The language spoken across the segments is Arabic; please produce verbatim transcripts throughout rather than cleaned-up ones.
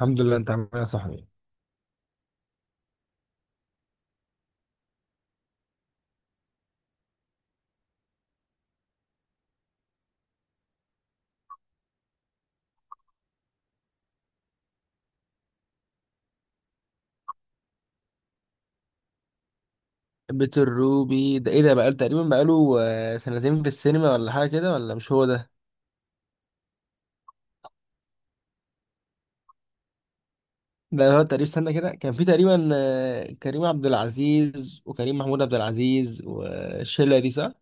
الحمد لله. انت عامل ايه يا صاحبي؟ بيت الروبي ده ايه؟ ده بقاله تقريبا بقاله آه، سنتين في السينما ولا حاجه كده، ولا مش هو ده؟ ده هو تقريبا. استنى كده، كان في تقريبا آه، كريم عبد العزيز وكريم محمود عبد العزيز والشله دي، صح؟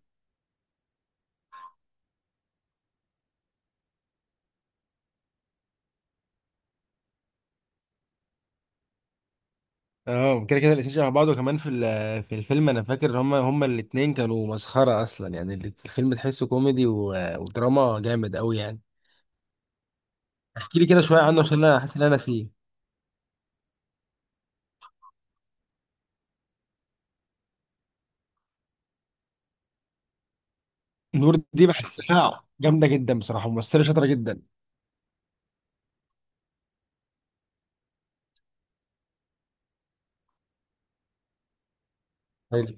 اه، كده كده الاتنين شبه بعض. وكمان في ال- في الفيلم انا فاكر ان هما هما الاتنين كانوا مسخره اصلا. يعني الفيلم تحسه كوميدي و- ودراما جامد قوي يعني. احكي لي كده شويه عنه عشان انا حاسس ان انا فيه. نور دي بحسها جامده جدا بصراحه، ممثله شاطره جدا. حلو.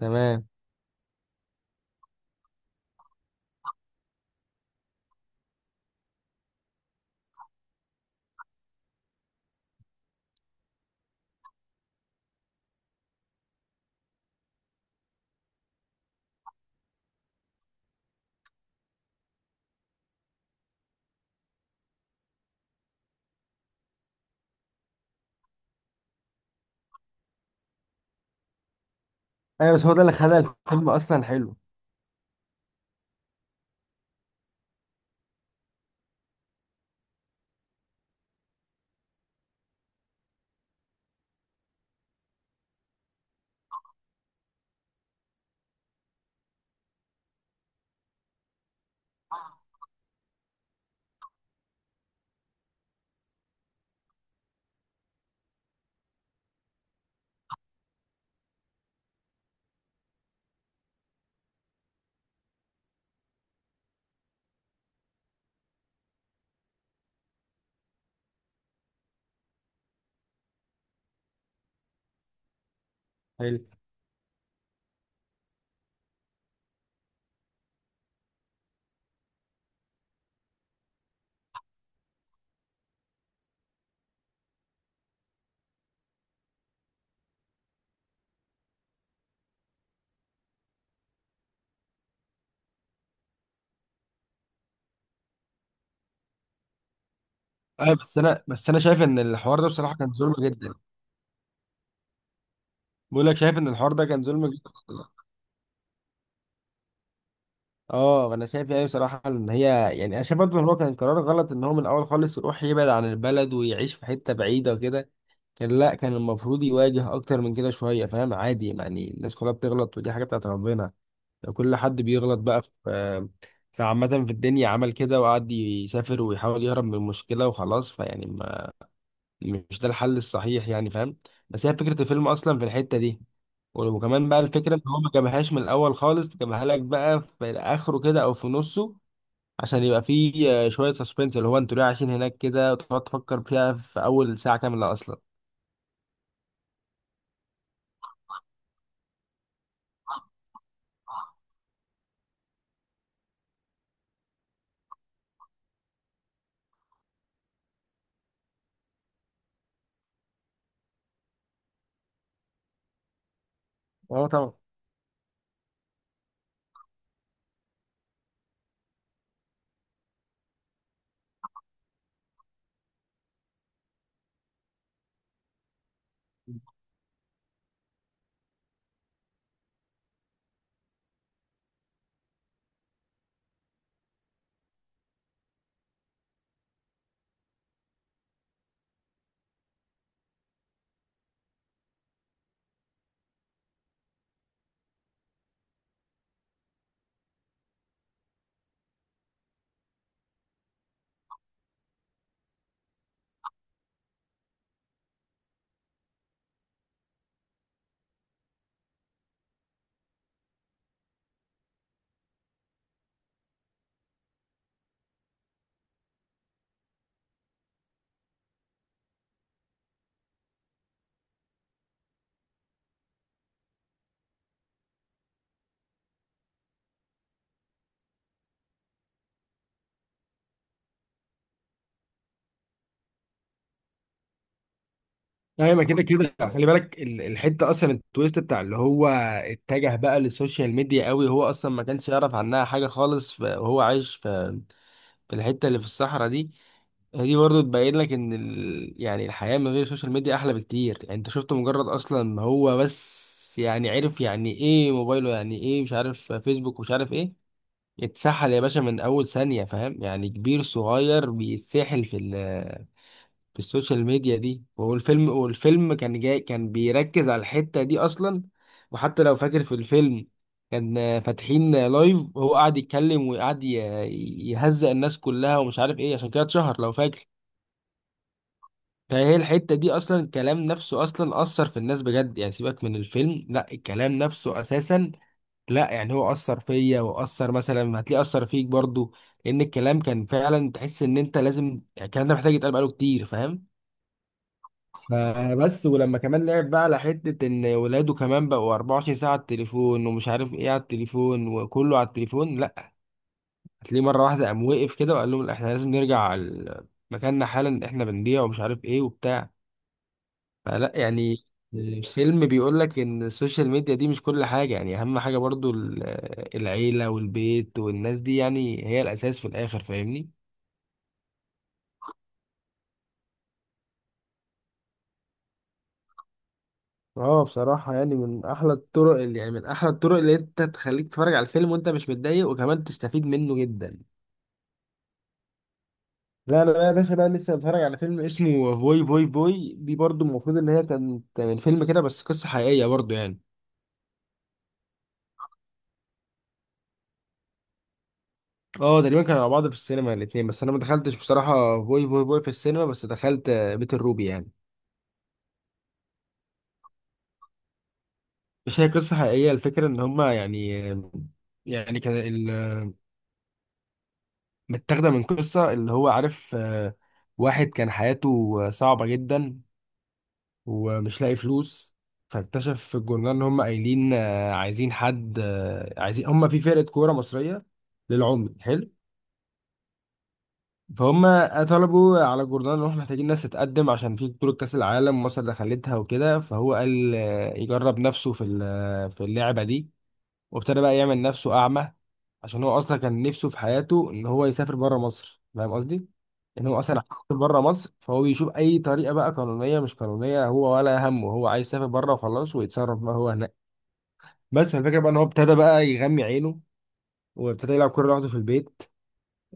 تمام. ايوه، بس هو ده اللي خلى الفيلم اصلا حلو. حلو. ايوه، بس انا بس انا شايف ان الحوار ده بصراحه كان ظلم جدا. بقول لك شايف ان الحوار ده كان ظلم جدا. اه انا شايف، يعني بصراحه ان هي، يعني انا شايف برضه ان هو كان قرار غلط، ان هو من الاول خالص يروح يبعد عن البلد ويعيش في حته بعيده وكده. كان لا كان المفروض يواجه اكتر من كده شويه، فاهم؟ عادي يعني، الناس كلها بتغلط ودي حاجه بتاعت ربنا. كل حد بيغلط بقى في في عامه في الدنيا. عمل كده وقعد يسافر ويحاول يهرب من المشكله وخلاص، فيعني مش ده الحل الصحيح يعني، فاهم؟ بس هي فكرة الفيلم أصلا في الحتة دي. وكمان بقى الفكرة إن هو ما جابهاش من الأول خالص، جابها لك بقى في آخره كده أو في نصه عشان يبقى فيه آه، شوية سسبنس، اللي هو أنتوا ليه عايشين هناك كده، وتقعد تفكر فيها في أول ساعة كاملة أصلا. أه طبعا. ايوه، ما كده كده خلي بالك ال- الحته اصلا، التويست بتاع اللي هو اتجه بقى للسوشيال ميديا قوي. هو اصلا ما كانش يعرف عنها حاجه خالص، ف- وهو عايش في في الحته اللي في الصحراء دي. دي برضه تبين لك ان ال... يعني الحياة من غير السوشيال ميديا احلى بكتير يعني. انت شفت مجرد اصلا ما هو بس يعني عرف يعني ايه موبايله، يعني ايه مش عارف فيسبوك ومش عارف ايه. اتسحل يا باشا من اول ثانية، فاهم يعني؟ كبير صغير بيتسحل في ال... في السوشيال ميديا دي. والفيلم والفيلم كان جاي، كان بيركز على الحتة دي اصلا. وحتى لو فاكر في الفيلم، كان فاتحين لايف وهو قاعد يتكلم وقاعد ي- يهزأ الناس كلها ومش عارف ايه، عشان كده اتشهر لو فاكر. فهي الحتة دي أصلا، الكلام نفسه أصلا أثر في الناس بجد يعني. سيبك من الفيلم، لا الكلام نفسه أساسا. لا يعني، هو أثر فيا وأثر، مثلا هتلاقيه أثر فيك برضو. لأن الكلام كان فعلا تحس إن أنت لازم، يعني الكلام ده محتاج يتقال بقاله كتير، فاهم؟ فبس، ولما كمان لعب بقى على حتة إن ولاده كمان بقوا أربعة وعشرين ساعة على التليفون ومش عارف إيه، على التليفون وكله على التليفون. لا، هتلاقيه مرة واحدة قام وقف كده وقال لهم لأ، إحنا لازم نرجع على مكاننا حالا، إحنا بنضيع ومش عارف إيه وبتاع. فلا يعني الفيلم بيقول لك ان السوشيال ميديا دي مش كل حاجة يعني. اهم حاجة برضو ال- العيلة والبيت والناس دي يعني، هي الاساس في الاخر، فاهمني؟ اه بصراحة يعني، من أحلى الطرق اللي، يعني من أحلى الطرق اللي أنت تخليك تتفرج على الفيلم وأنت مش متضايق وكمان تستفيد منه جدا. لا لا لا يا باشا، بقى لسه بتفرج على فيلم اسمه فوي فوي فوي. دي برضو المفروض ان هي كانت من فيلم كده، بس قصة حقيقية برضو يعني. اه تقريبا كانوا مع بعض في السينما الاتنين، بس انا ما دخلتش بصراحة فوي فوي فوي في السينما، بس دخلت آه، بيت الروبي يعني. مش هي قصة حقيقية؟ الفكرة إن هما يعني، يعني كان ال- متاخدة من قصة اللي هو عارف آه، واحد كان حياته صعبة جدا ومش لاقي فلوس. فاكتشف في الجورنال إن هما قايلين آه، عايزين حد، آه، عايزين هما في فرقة كورة مصرية للعمي. حلو. فهم طلبوا على الجورنال إن إحنا محتاجين ناس تتقدم، عشان في بطولة كأس العالم مصر دخلتها وكده. فهو قال آه، يجرب نفسه في ال- في اللعبة دي. وابتدى بقى يعمل نفسه أعمى، عشان هو أصلا كان نفسه في حياته إن هو يسافر بره مصر، فاهم قصدي؟ إن هو أصلا عايز يسافر بره مصر. فهو بيشوف أي طريقة بقى، قانونية مش قانونية هو ولا همه، هو عايز يسافر بره وخلاص ويتصرف بقى هو هناك. بس الفكرة بقى إن هو ابتدى بقى يغمي عينه، وابتدى يلعب كورة لوحده في البيت.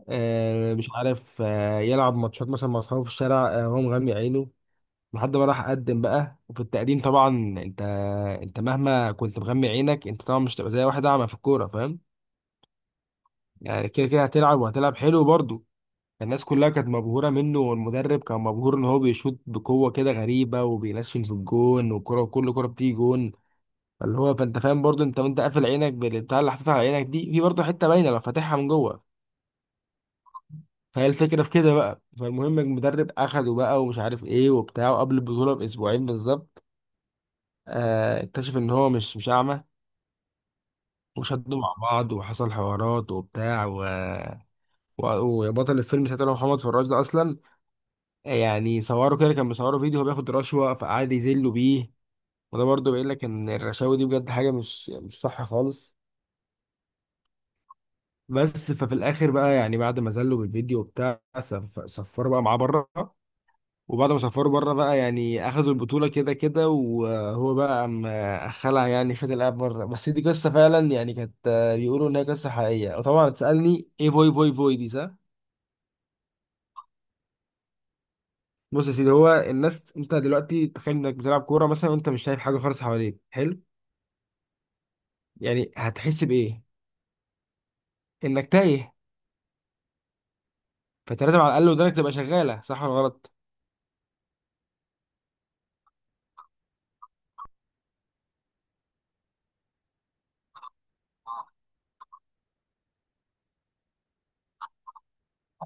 آه مش عارف، آه يلعب ماتشات مثلا مع أصحابه في الشارع آه، وهو مغمي عينه. لحد ما راح قدم بقى، وفي التقديم طبعا انت، انت مهما كنت مغمي عينك، انت طبعا مش هتبقى زي واحد اعمى في الكوره، فاهم؟ يعني كده كده هتلعب، وهتلعب حلو برضه. الناس كلها كانت مبهورة منه، والمدرب كان مبهور ان هو بيشوط بقوة كده غريبة، وبينشن في الجون، والكرة كل كرة بتيجي جون. فاللي هو، فانت فاهم برضه، انت وانت قافل عينك بالبتاع اللي حاططها على عينك دي، في برضه حتة باينة لو فاتحها من جوه. فهي الفكرة في كده بقى. فالمهم المدرب اخده بقى ومش عارف ايه وبتاع، وقبل البطولة باسبوعين بالظبط آه اكتشف ان هو مش مش اعمى. وشدوا مع بعض وحصل حوارات وبتاع و... و... وبطل الفيلم ساعتها اللي هو محمد فراج ده اصلا، يعني صوروا كده، كان بيصوروا فيديو هو بياخد رشوة، فقعد يذلوا بيه. وده برضه بيقول لك ان الرشاوي دي بجد حاجة مش مش صح خالص. بس ففي الاخر بقى يعني بعد ما ذلوا بالفيديو وبتاع سف- سفروا بقى معاه بره. وبعد ما سفروا بره بقى يعني اخدوا البطولة كده كده، وهو بقى قام خلع، يعني خد الاب بره. بس دي قصة فعلا يعني كانت، بيقولوا ان هي قصة حقيقية. وطبعا تسألني ايه فوي فوي فوي دي، صح؟ بص يا سيدي، هو الناس، انت دلوقتي تخيل انك بتلعب كورة مثلا وانت مش شايف حاجة خالص حواليك، حلو. يعني هتحس بايه؟ انك تايه. فانت لازم على الاقل ودانك تبقى شغاله، صح ولا غلط؟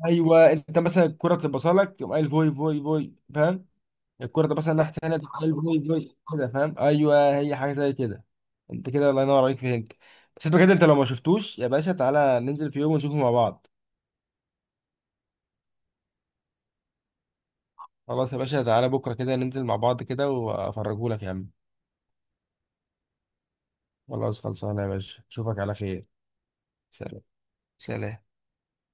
ايوه انت مثلا الكره بتبقى لك، تقوم قايل فوي فوي فوي، فاهم؟ الكره ده مثلا ناحيه ثانيه، تقوم قايل فوي فوي كده، فاهم؟ ايوه هي حاجه زي كده. انت كده الله ينور عليك، فهمت. بس انت كده، انت لو ما شفتوش يا باشا، تعالى ننزل في يوم ونشوفه مع بعض. خلاص يا باشا، تعالى بكره كده ننزل مع بعض كده وافرجهولك يا عم. خلاص خلصانه يا باشا، اشوفك على خير. سلام. سلام.